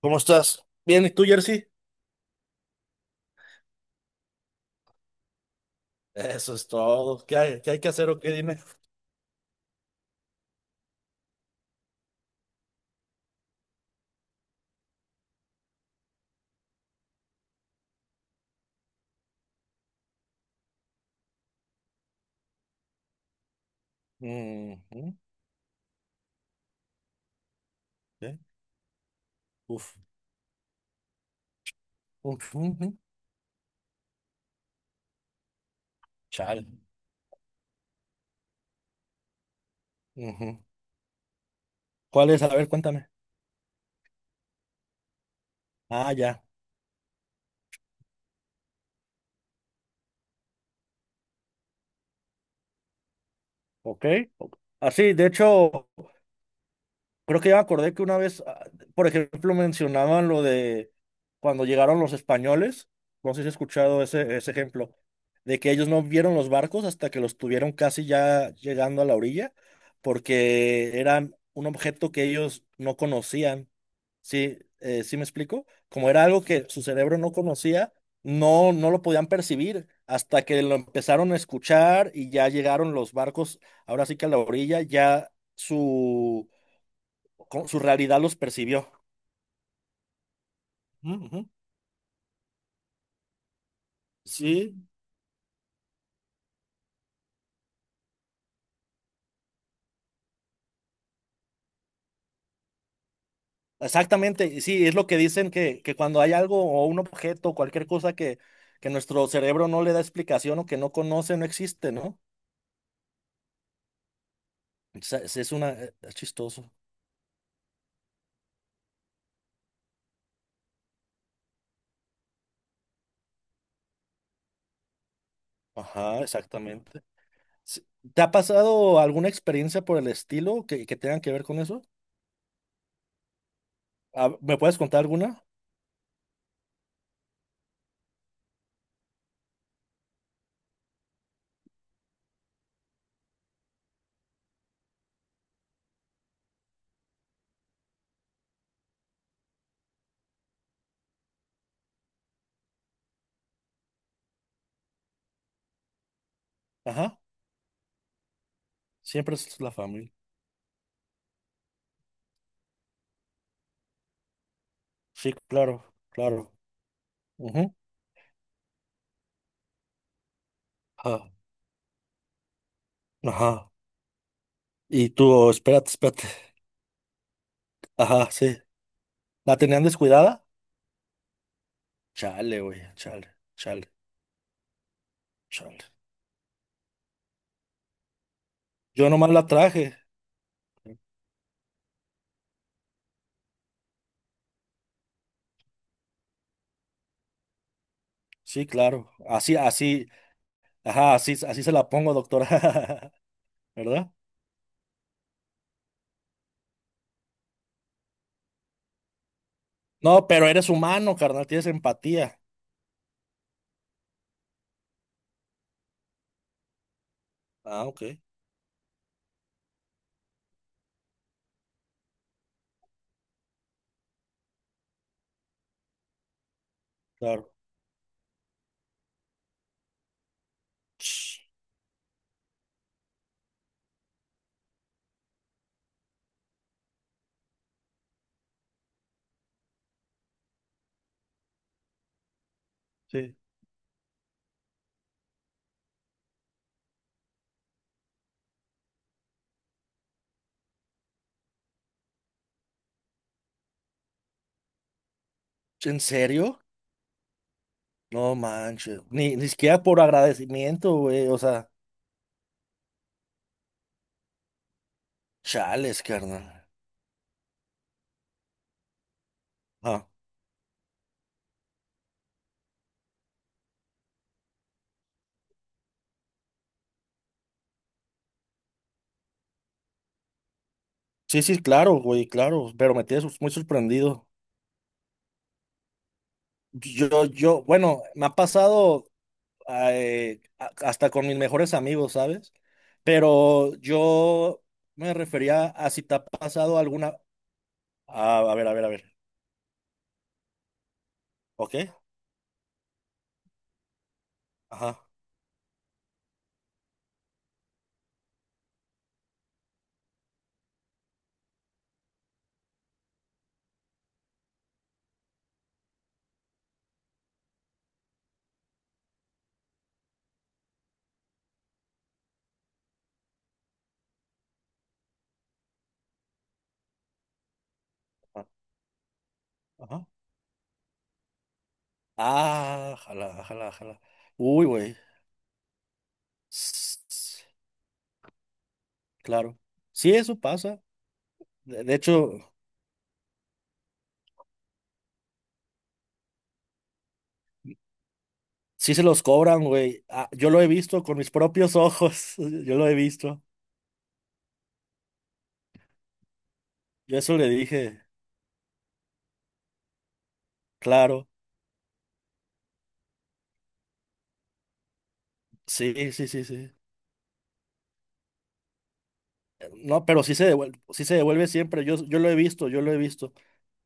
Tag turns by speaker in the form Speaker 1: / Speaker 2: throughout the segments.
Speaker 1: ¿Cómo estás? Bien, ¿y tú, Jersey? Eso es todo. ¿Qué hay que hacer o qué dime? Ujú. ¿Qué? Uf. Uf, ujú. Chale. Ujú. ¿Cuál es? A ver, cuéntame. Ah, ya. Ok. Ok. Así, de hecho, creo que ya me acordé que una vez, por ejemplo, mencionaban lo de cuando llegaron los españoles. No sé si has escuchado ese ejemplo, de que ellos no vieron los barcos hasta que los tuvieron casi ya llegando a la orilla, porque eran un objeto que ellos no conocían. Sí, sí me explico. Como era algo que su cerebro no conocía, no, no lo podían percibir hasta que lo empezaron a escuchar y ya llegaron los barcos, ahora sí que a la orilla, ya su, su realidad los percibió. Ujú, ujú. Sí, exactamente, y sí, es lo que dicen que, cuando hay algo o un objeto, cualquier cosa que, nuestro cerebro no le da explicación o que no conoce, no existe, ¿no? Es es chistoso. Ajá, exactamente. Sí. ¿Te ha pasado alguna experiencia por el estilo que, tenga que ver con eso? ¿Me puedes contar alguna? Ajá, siempre es la familia. Sí, claro, claro. Ujú. Ajá, ajá. Y tú, espérate, espérate. Ajá, sí. ¿La tenían descuidada? Chale, güey, chale, chale, chale. Yo nomás la traje. Sí, claro. Así, así, ajá, así, así se la pongo, doctora. ¿Verdad? No, pero eres humano, carnal, tienes empatía. Ah, ok, claro. Sí. ¿En serio? No manches. Ni siquiera por agradecimiento, güey. O sea, chales, carnal. Ah, sí, sí, claro, güey, claro. Pero me tienes muy sorprendido. Yo, bueno, me ha pasado hasta con mis mejores amigos, ¿sabes? Pero yo me refería a si te ha pasado alguna. Ah, a ver, a ver, a ver. ¿Ok? Ajá. ah, Ajá. Ah, jala, jala, jala. Uy, güey. S- Claro. Sí, eso pasa. De hecho, sí se los cobran, güey. Ah, yo lo he visto con mis propios ojos. Yo lo he visto. Yo eso le dije, claro. Sí, sí, sí, sí. No, pero sí se devuelve siempre. Yo lo he visto, yo lo he visto.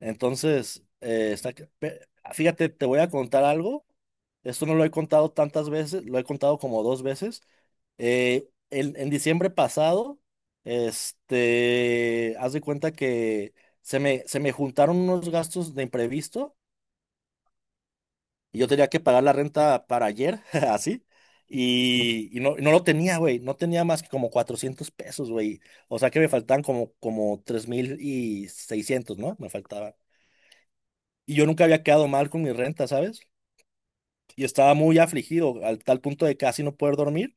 Speaker 1: Entonces, fíjate, te voy a contar algo. Esto no lo he contado tantas veces, lo he contado como dos veces. En diciembre pasado, haz de cuenta que se me juntaron unos gastos de imprevisto y yo tenía que pagar la renta para ayer, así, y no, no lo tenía, güey, no tenía más que como 400 pesos, güey, o sea que me faltaban como 3.600, ¿no? Me faltaba. Y yo nunca había quedado mal con mi renta, ¿sabes? Y estaba muy afligido, al tal punto de casi no poder dormir.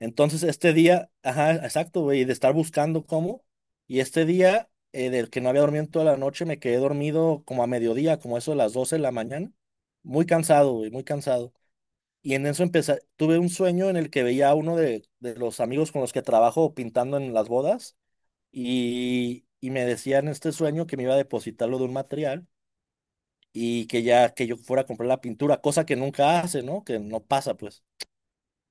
Speaker 1: Entonces este día, ajá, exacto, güey, de estar buscando cómo, y este día, del que no había dormido en toda la noche, me quedé dormido como a mediodía, como eso de las 12 de la mañana. Muy cansado, güey, muy cansado. Y en eso empecé, tuve un sueño en el que veía a uno de los amigos con los que trabajo pintando en las bodas y me decía en este sueño que me iba a depositarlo de un material y que ya que yo fuera a comprar la pintura, cosa que nunca hace, ¿no? Que no pasa, pues.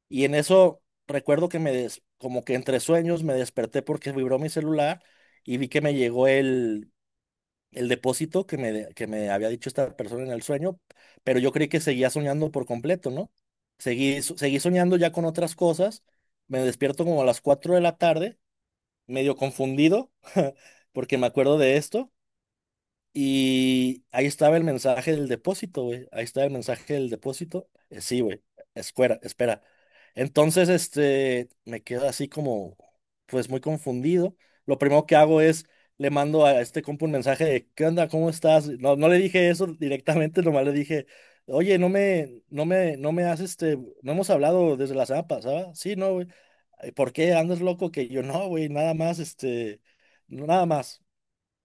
Speaker 1: Y en eso recuerdo que como que entre sueños me desperté porque vibró mi celular y vi que me llegó el depósito que me había dicho esta persona en el sueño, pero yo creí que seguía soñando por completo, ¿no? Seguí soñando ya con otras cosas, me despierto como a las 4 de la tarde, medio confundido, porque me acuerdo de esto, y ahí estaba el mensaje del depósito, güey. Ahí estaba el mensaje del depósito. Sí, güey. Espera, espera. Entonces, me quedo así como, pues muy confundido. Lo primero que hago es, le mando a este compa un mensaje de, ¿qué onda? ¿Cómo estás? No, no le dije eso directamente, nomás le dije, oye, no me has, no hemos hablado desde la semana pasada. Sí, no, güey. "Ay, ¿por qué andas loco? Que yo no, güey, nada más, no, nada más.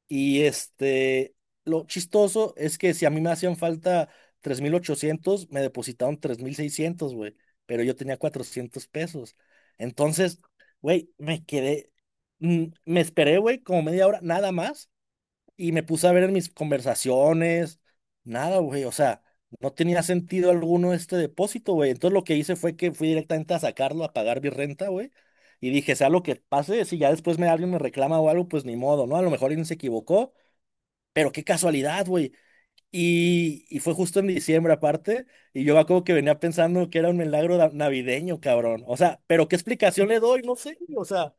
Speaker 1: Y este, lo chistoso es que si a mí me hacían falta 3.800, me depositaron 3.600, güey, pero yo tenía 400 pesos. Entonces, güey, me quedé, me esperé, güey, como media hora, nada más, y me puse a ver en mis conversaciones, nada, güey, o sea, no tenía sentido alguno este depósito, güey. Entonces lo que hice fue que fui directamente a sacarlo, a pagar mi renta, güey. Y dije, sea lo que pase, si ya después me alguien me reclama o algo, pues ni modo, ¿no? A lo mejor alguien se equivocó, pero qué casualidad, güey. Y fue justo en diciembre aparte, y yo como que venía pensando que era un milagro navideño, cabrón. O sea, pero ¿qué explicación le doy? No sé, o sea,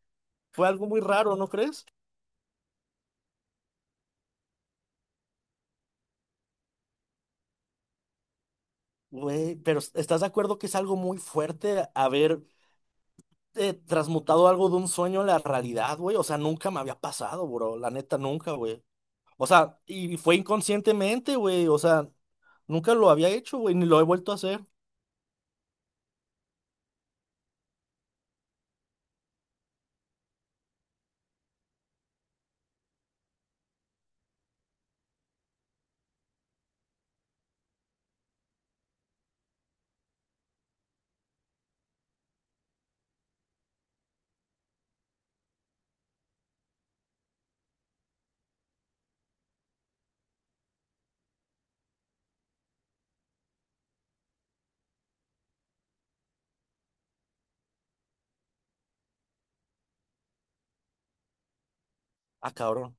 Speaker 1: fue algo muy raro, ¿no crees? Güey, pero ¿estás de acuerdo que es algo muy fuerte haber transmutado algo de un sueño a la realidad, güey? O sea, nunca me había pasado, bro, la neta, nunca, güey. O sea, y fue inconscientemente, güey, o sea, nunca lo había hecho, güey, ni lo he vuelto a hacer. Ah, cabrón,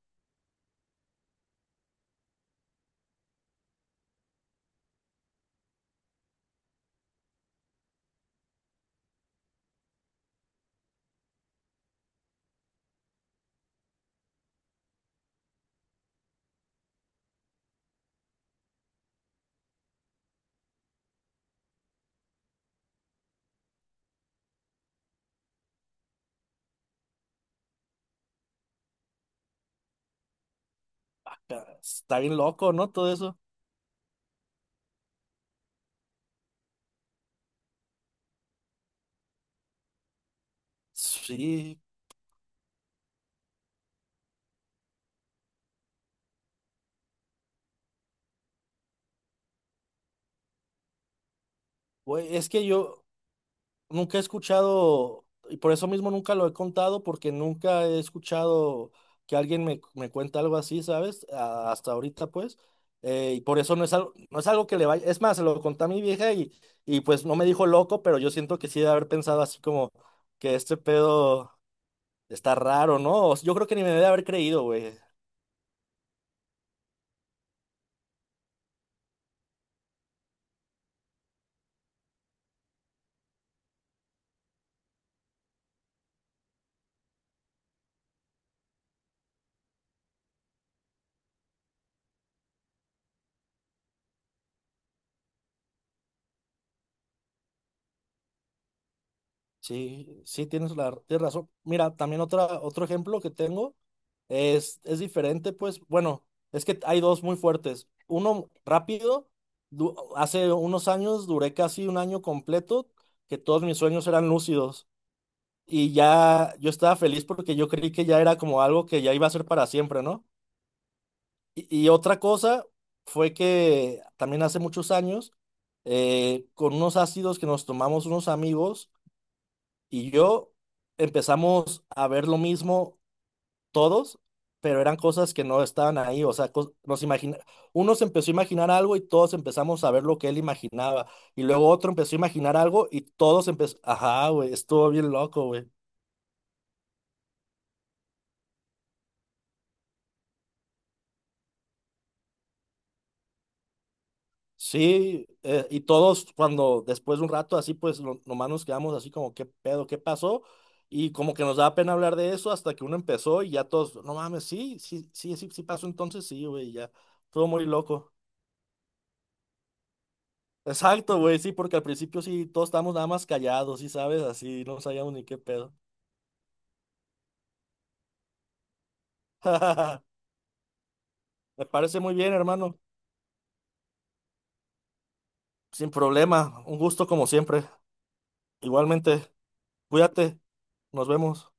Speaker 1: está bien loco, ¿no? Todo eso. Sí, güey, es que yo nunca he escuchado, y por eso mismo nunca lo he contado, porque nunca he escuchado que alguien me cuente algo así, ¿sabes? Hasta ahorita, pues. Y por eso no es algo, que le vaya. Es más, se lo conté a mi vieja y pues no me dijo loco, pero yo siento que sí de haber pensado así como que este pedo está raro, ¿no? O sea, yo creo que ni me debe haber creído, güey. Sí, sí, tienes la, tienes razón. Mira, también otra, otro ejemplo que tengo. Es diferente, pues, bueno, es que hay dos muy fuertes. Uno rápido, hace unos años duré casi un año completo que todos mis sueños eran lúcidos y ya yo estaba feliz porque yo creí que ya era como algo que ya iba a ser para siempre, ¿no? Y otra cosa fue que también hace muchos años, con unos ácidos que nos tomamos unos amigos y yo empezamos a ver lo mismo todos, pero eran cosas que no estaban ahí, o sea, nos imagina, uno se empezó a imaginar algo y todos empezamos a ver lo que él imaginaba, y luego otro empezó a imaginar algo y todos empezó, ajá, güey, estuvo bien loco, güey. Sí, y todos cuando después de un rato así, pues nomás nos quedamos así como, ¿qué pedo? ¿Qué pasó? Y como que nos daba pena hablar de eso hasta que uno empezó y ya todos, no mames, sí, sí, sí, sí, sí pasó entonces, sí, güey, ya, todo muy loco. Exacto, güey, sí, porque al principio sí, todos estábamos nada más callados, sí, sabes, así, no sabíamos ni qué pedo. Me parece muy bien, hermano. Sin problema, un gusto como siempre. Igualmente, cuídate, nos vemos.